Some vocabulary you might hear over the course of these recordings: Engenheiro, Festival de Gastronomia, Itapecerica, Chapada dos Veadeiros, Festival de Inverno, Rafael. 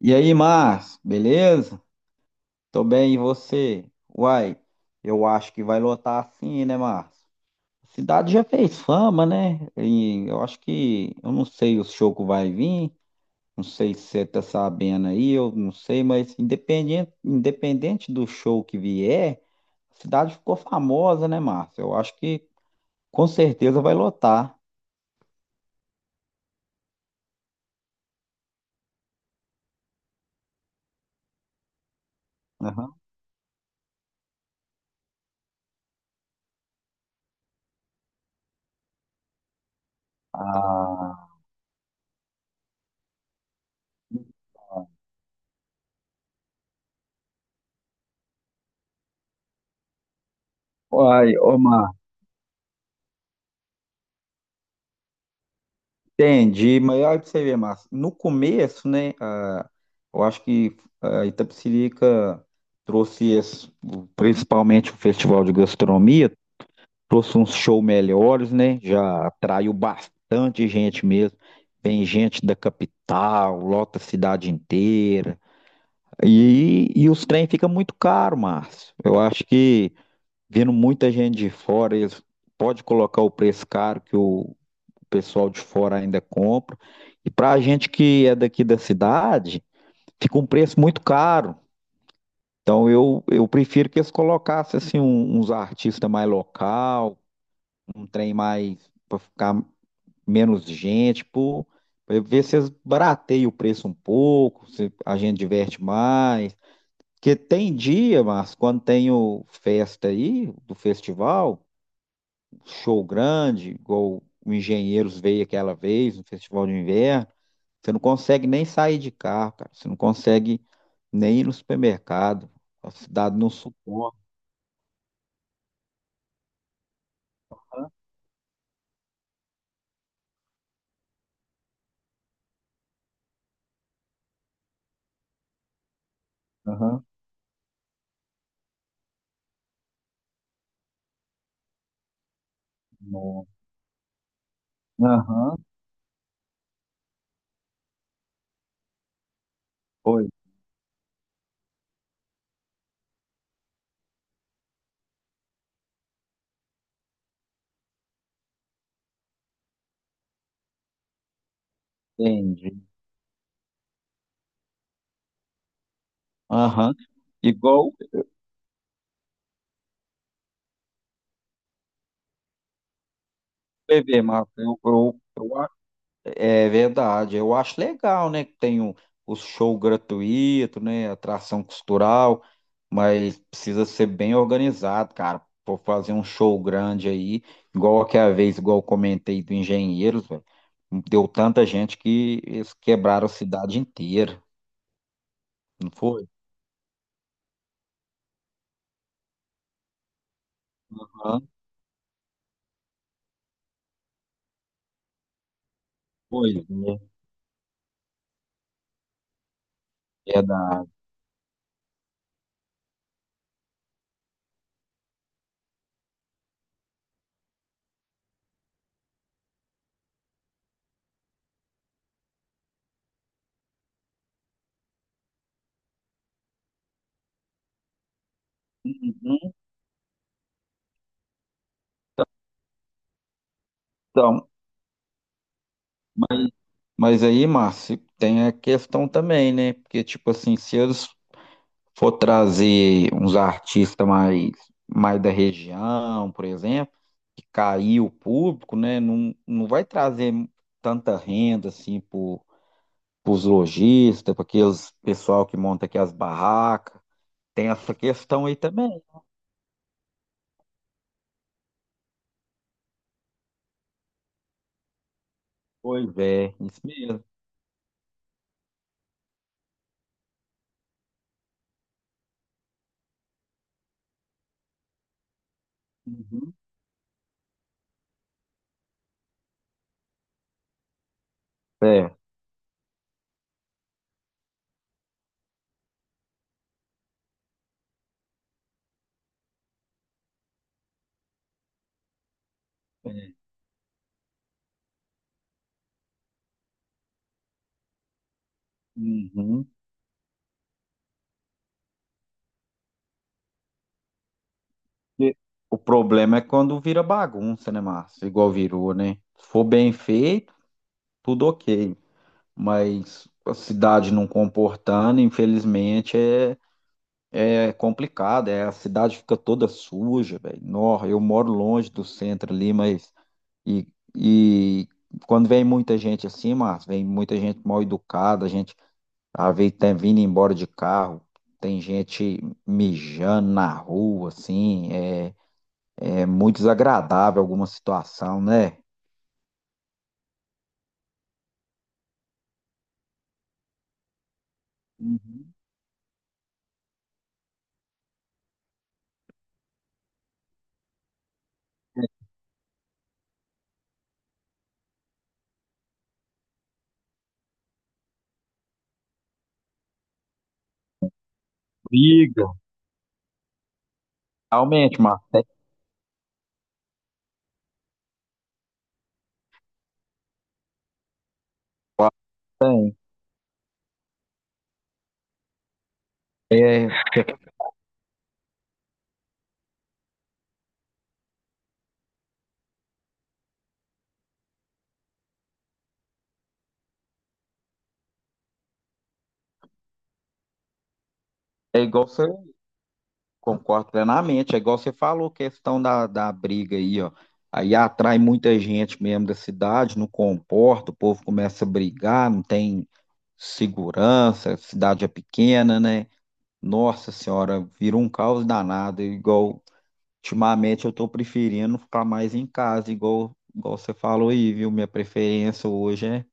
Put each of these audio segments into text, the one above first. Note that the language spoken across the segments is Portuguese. E aí, Márcio, beleza? Tô bem, e você? Uai, eu acho que vai lotar assim, né, Márcio? A cidade já fez fama, né? Eu não sei o show que vai vir, não sei se você tá sabendo aí, eu não sei, mas independente do show que vier, a cidade ficou famosa, né, Márcio? Eu acho que com certeza vai lotar. Aham. Ah, uai, ô, Márcio. Entendi, mas olha pra você ver, Márcio. No começo, né, eu acho que a Itapecerica trouxe, esse- principalmente o Festival de Gastronomia, trouxe uns shows melhores, né, já atraiu bastante gente mesmo. Vem gente da capital, lota a cidade inteira. E os trem ficam muito caro, Márcio. Eu acho que, vindo muita gente de fora, eles podem colocar o preço caro que o pessoal de fora ainda compra. E para a gente que é daqui da cidade, fica um preço muito caro. Então eu prefiro que eles colocassem assim, um- uns artistas mais local, um trem mais para ficar menos gente, para ver se eles barateiam o preço um pouco, se a gente diverte mais. Porque tem dia, mas quando tem o festa aí, do festival, show grande, igual o Engenheiros veio aquela vez, no Festival de Inverno. Você não consegue nem sair de carro, cara. Você não consegue nem ir no supermercado. A cidade não suporta. Aham. Não. Aham. Foi, entendi. Aham. Igual o PV, Marcos. Eu é verdade, eu acho legal, né, que tem o show gratuito, né, atração cultural, mas precisa ser bem organizado, cara, vou fazer um show grande aí, igual aquela vez, igual eu comentei do Engenheiros, velho, deu tanta gente que eles quebraram a cidade inteira, não foi? Aham. Pois é, verdade. Uhum. Então, mas, mas aí, Márcio, tem a questão também, né, porque, tipo assim, se eles for trazer uns artistas mais, mais da região, por exemplo, que caiu o público, né? Não, não vai trazer tanta renda assim para os lojistas, para aqueles pessoal que monta aqui as barracas. Tem essa questão aí também. Pois é, isso mesmo. Uhum. É, é. Uhum. E o problema é quando vira bagunça, né, Márcio? Igual virou, né? Se for bem feito, tudo ok, mas a cidade não comportando, infelizmente, é, é complicado. É, a cidade fica toda suja, velho. Nó, eu moro longe do centro ali, mas. E, e quando vem muita gente assim, mas vem muita gente mal educada, a gente a vez tá vindo embora de carro. Tem gente mijando na rua, assim, é, é muito desagradável alguma situação, né? Uhum. Briga. Realmente, Márcio, é, é é igual você concordo plenamente. É igual você falou, questão da, da briga aí, ó. Aí atrai muita gente mesmo da cidade, não comporta, o povo começa a brigar, não tem segurança, a cidade é pequena, né? Nossa senhora, vira um caos danado. Igual, ultimamente eu tô preferindo ficar mais em casa, igual, igual você falou aí, viu? Minha preferência hoje é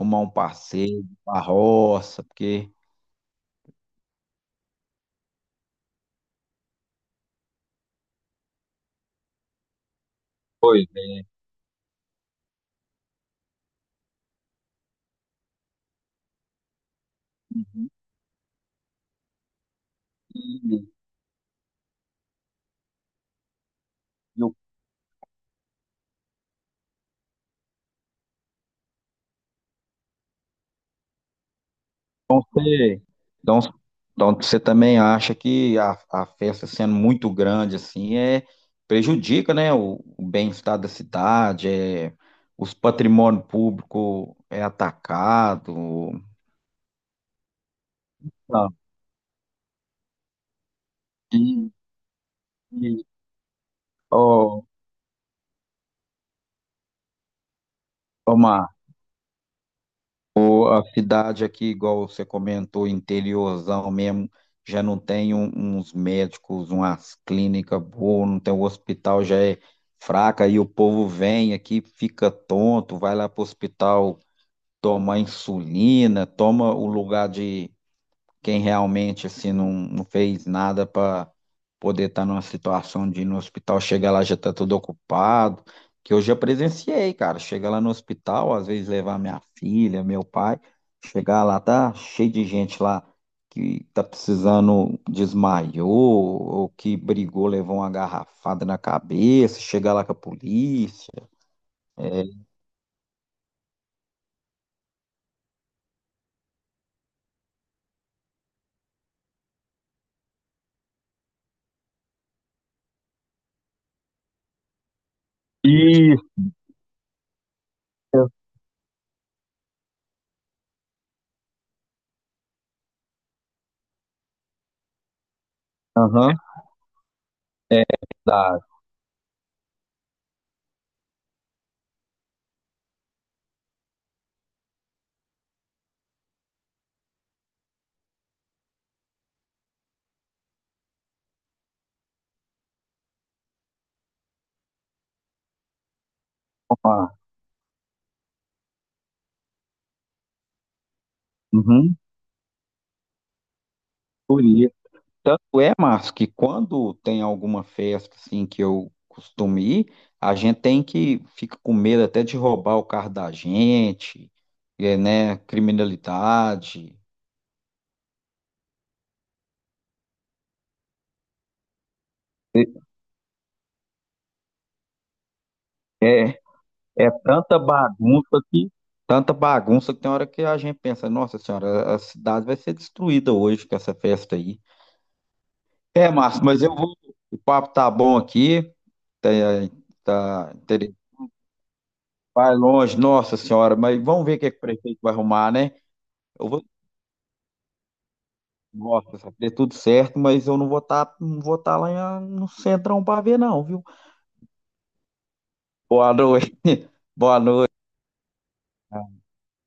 arrumar um passeio, uma roça, porque pois é. E então você, então, então você também acha que a festa sendo muito grande assim é prejudica, né, o bem-estar da cidade, é, os patrimônio público é atacado. Não. E, e, ô, ô, Márcio, ou a cidade aqui, igual você comentou, interiorzão mesmo, já não tem um- uns médicos, umas clínicas boas, não tem o hospital, já é fraca, e o povo vem aqui, fica tonto, vai lá pro hospital tomar insulina, toma o lugar de quem realmente assim não fez nada para poder estar numa situação de ir no hospital, chega lá já tá tudo ocupado, que eu já presenciei, cara, chega lá no hospital, às vezes levar minha filha, meu pai, chegar lá tá cheio de gente lá que tá precisando desmaiou ou que brigou, levou uma garrafada na cabeça, chegar lá com a polícia. Isso, aham, é, dá. Uhum. Por isso. Tanto é, Márcio, que quando tem alguma festa assim que eu costumo ir, a gente tem que fica com medo até de roubar o carro da gente, é, né? Criminalidade. É, é é tanta bagunça que tem hora que a gente pensa, nossa senhora, a cidade vai ser destruída hoje com essa festa aí. É, Márcio, mas eu vou. O papo tá bom aqui, tá, tá, inter- vai longe, nossa senhora, mas vamos ver o que, é que o prefeito vai arrumar, né? Eu vou nossa, vai ter tudo certo, mas eu não vou estar, não vou tá lá em- no centrão para ver, não, viu? Boa noite. Boa noite.